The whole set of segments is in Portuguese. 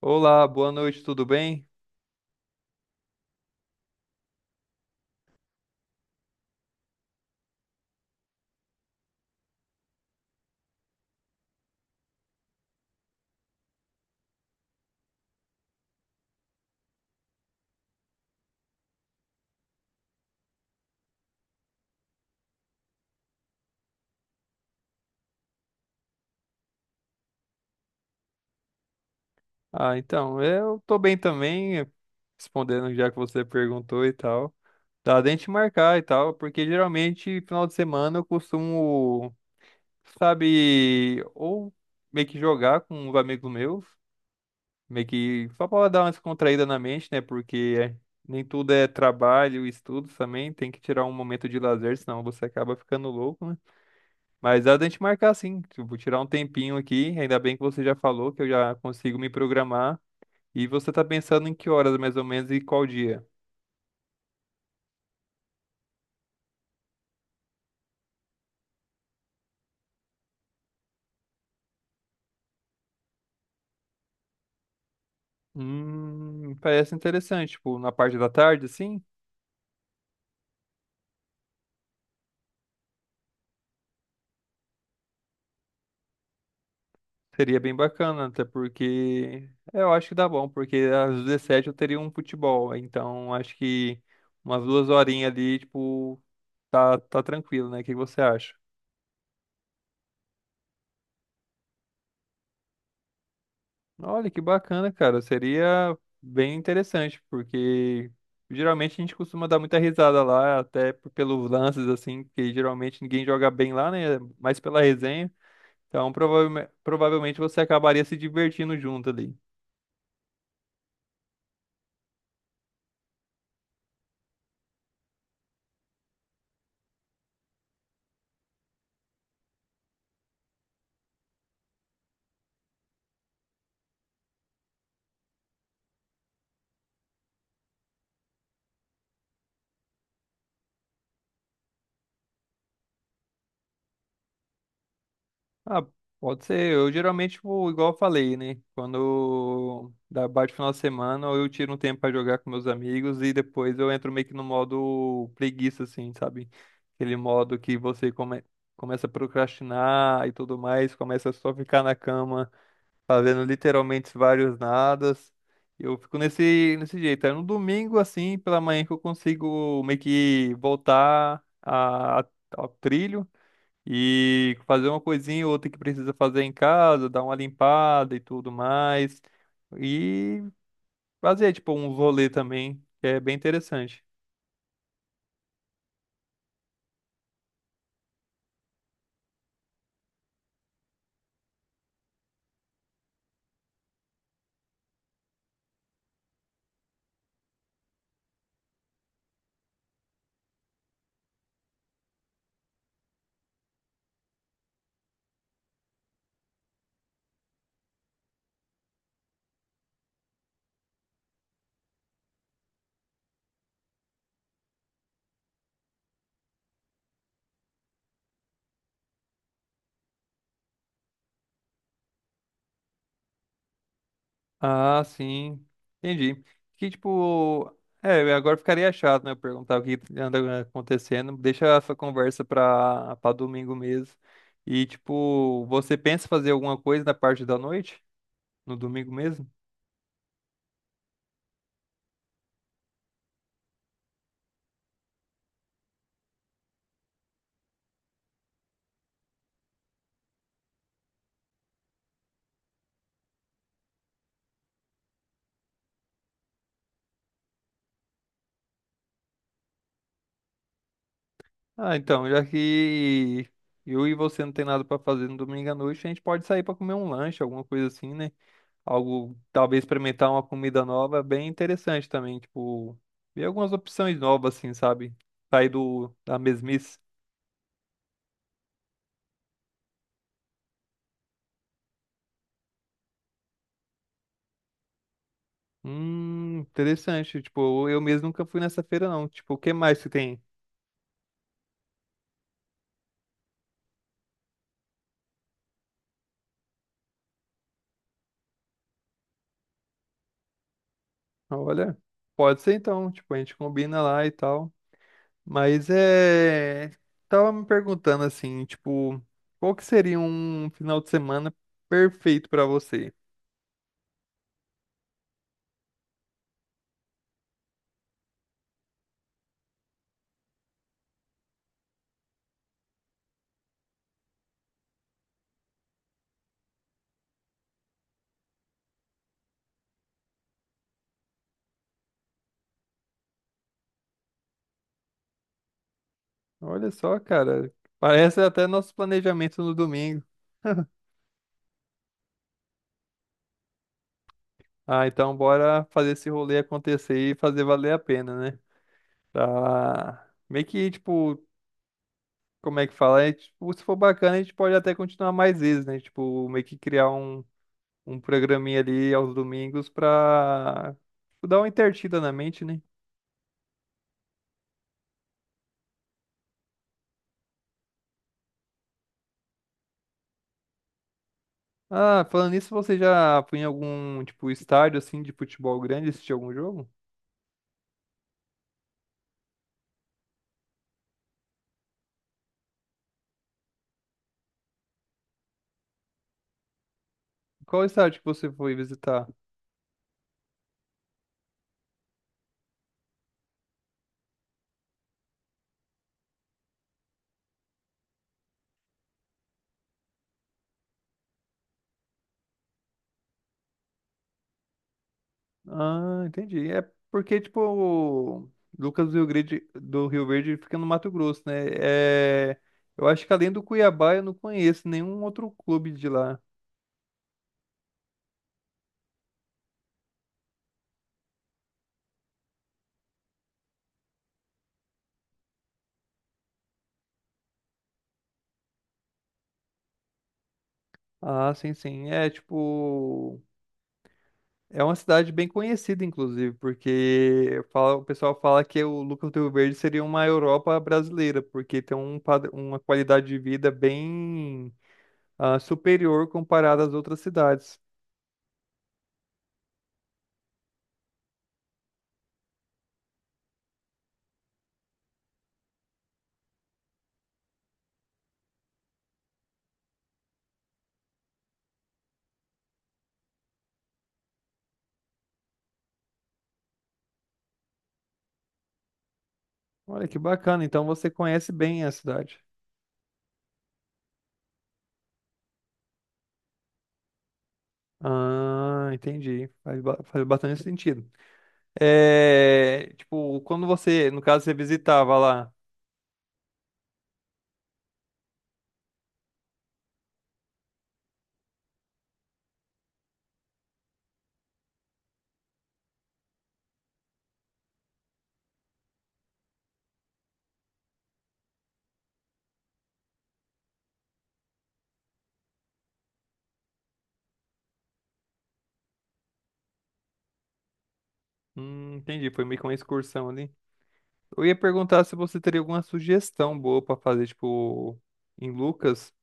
Olá, boa noite, tudo bem? Ah, então, eu tô bem também, respondendo já que você perguntou e tal. Dá da gente marcar e tal, porque geralmente final de semana eu costumo, sabe, ou meio que jogar com os amigos meus, meio que só pra dar uma descontraída na mente, né? Porque nem tudo é trabalho, estudos também, tem que tirar um momento de lazer, senão você acaba ficando louco, né? Mas dá da gente marcar sim, tipo, tirar um tempinho aqui, ainda bem que você já falou que eu já consigo me programar. E você tá pensando em que horas mais ou menos e qual dia? Parece interessante, tipo, na parte da tarde, sim, seria bem bacana, até porque é, eu acho que dá bom, porque às 17 eu teria um futebol, então acho que umas 2 horinhas ali, tipo, tá, tá tranquilo, né? O que que você acha? Olha que bacana, cara. Seria bem interessante, porque geralmente a gente costuma dar muita risada lá, até pelos lances, assim, que geralmente ninguém joga bem lá, né? Mas pela resenha. Então, provavelmente você acabaria se divertindo junto ali. Ah, pode ser. Eu geralmente, tipo, igual eu falei, né? Quando bate o final de semana, eu tiro um tempo pra jogar com meus amigos e depois eu entro meio que no modo preguiça, assim, sabe? Aquele modo que você começa a procrastinar e tudo mais, começa só ficar na cama fazendo literalmente vários nadas. Eu fico nesse jeito. É no domingo, assim, pela manhã que eu consigo meio que voltar a, ao trilho e fazer uma coisinha ou outra que precisa fazer em casa, dar uma limpada e tudo mais. E fazer, tipo, um rolê também, que é bem interessante. Ah, sim. Entendi. Que, tipo, é, agora ficaria chato, né? Eu perguntar o que anda acontecendo. Deixa essa conversa pra domingo mesmo. E, tipo, você pensa em fazer alguma coisa na parte da noite? No domingo mesmo? Ah, então, já que eu e você não tem nada pra fazer no domingo à noite, a gente pode sair pra comer um lanche, alguma coisa assim, né? Algo, talvez experimentar uma comida nova, bem interessante também, tipo, ver algumas opções novas assim, sabe? Sair do da mesmice. Interessante, tipo, eu mesmo nunca fui nessa feira não. Tipo, o que mais que tem? Olha, pode ser então, tipo, a gente combina lá e tal. Mas é. Tava me perguntando assim, tipo, qual que seria um final de semana perfeito pra você? Olha só, cara, parece até nosso planejamento no domingo. Ah, então bora fazer esse rolê acontecer e fazer valer a pena, né? Tá. Meio que, tipo, como é que fala? É, tipo, se for bacana, a gente pode até continuar mais vezes, né? Tipo, meio que criar um programinha ali aos domingos pra tipo, dar uma intertida na mente, né? Ah, falando nisso, você já foi em algum, tipo, estádio, assim, de futebol grande assistir algum jogo? Qual estádio que você foi visitar? Ah, entendi. É porque, tipo, o Lucas do Rio Grande, do Rio Verde fica no Mato Grosso, né? É... Eu acho que além do Cuiabá, eu não conheço nenhum outro clube de lá. Ah, sim, sim. É, tipo... É uma cidade bem conhecida, inclusive, porque o pessoal fala que o Lucas do Rio Verde seria uma Europa brasileira, porque tem um uma qualidade de vida bem ah, superior comparada às outras cidades. Olha que bacana, então você conhece bem a cidade. Ah, entendi. Faz, faz bastante sentido. É, tipo, quando você, no caso, você visitava lá. Entendi, foi meio que uma excursão ali. Eu ia perguntar se você teria alguma sugestão boa pra fazer, tipo, em Lucas,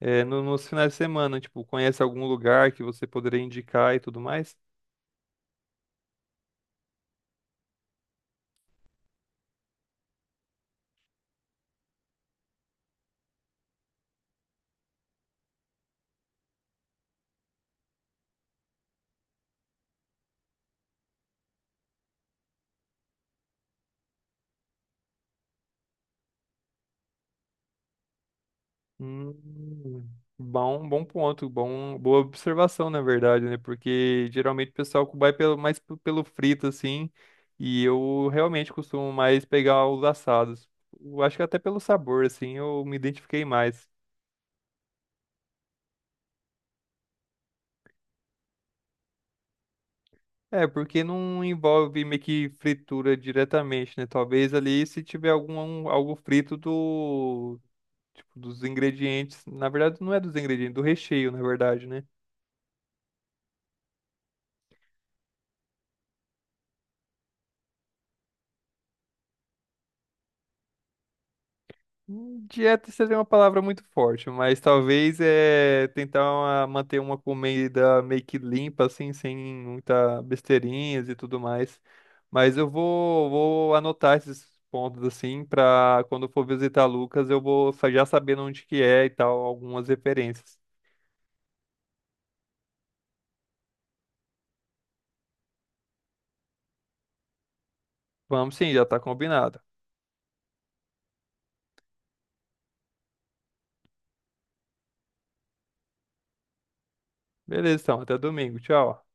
é, nos finais de semana, tipo, conhece algum lugar que você poderia indicar e tudo mais? Hum, bom, bom ponto, bom, boa observação, na verdade, né? Porque geralmente o pessoal vai pelo, mais pelo frito, assim, e eu realmente costumo mais pegar os assados. Eu acho que até pelo sabor, assim, eu me identifiquei mais. É, porque não envolve meio que fritura diretamente, né? Talvez ali se tiver algum algo frito do tipo dos ingredientes, na verdade não é dos ingredientes, do recheio, na verdade, né? Dieta seria uma palavra muito forte, mas talvez é tentar manter uma comida meio que limpa, assim, sem muita besteirinhas e tudo mais. Mas eu vou anotar esses pontos, assim, para quando for visitar Lucas, eu vou já sabendo onde que é e tal, algumas referências. Vamos sim, já tá combinado. Beleza, então, até domingo. Tchau.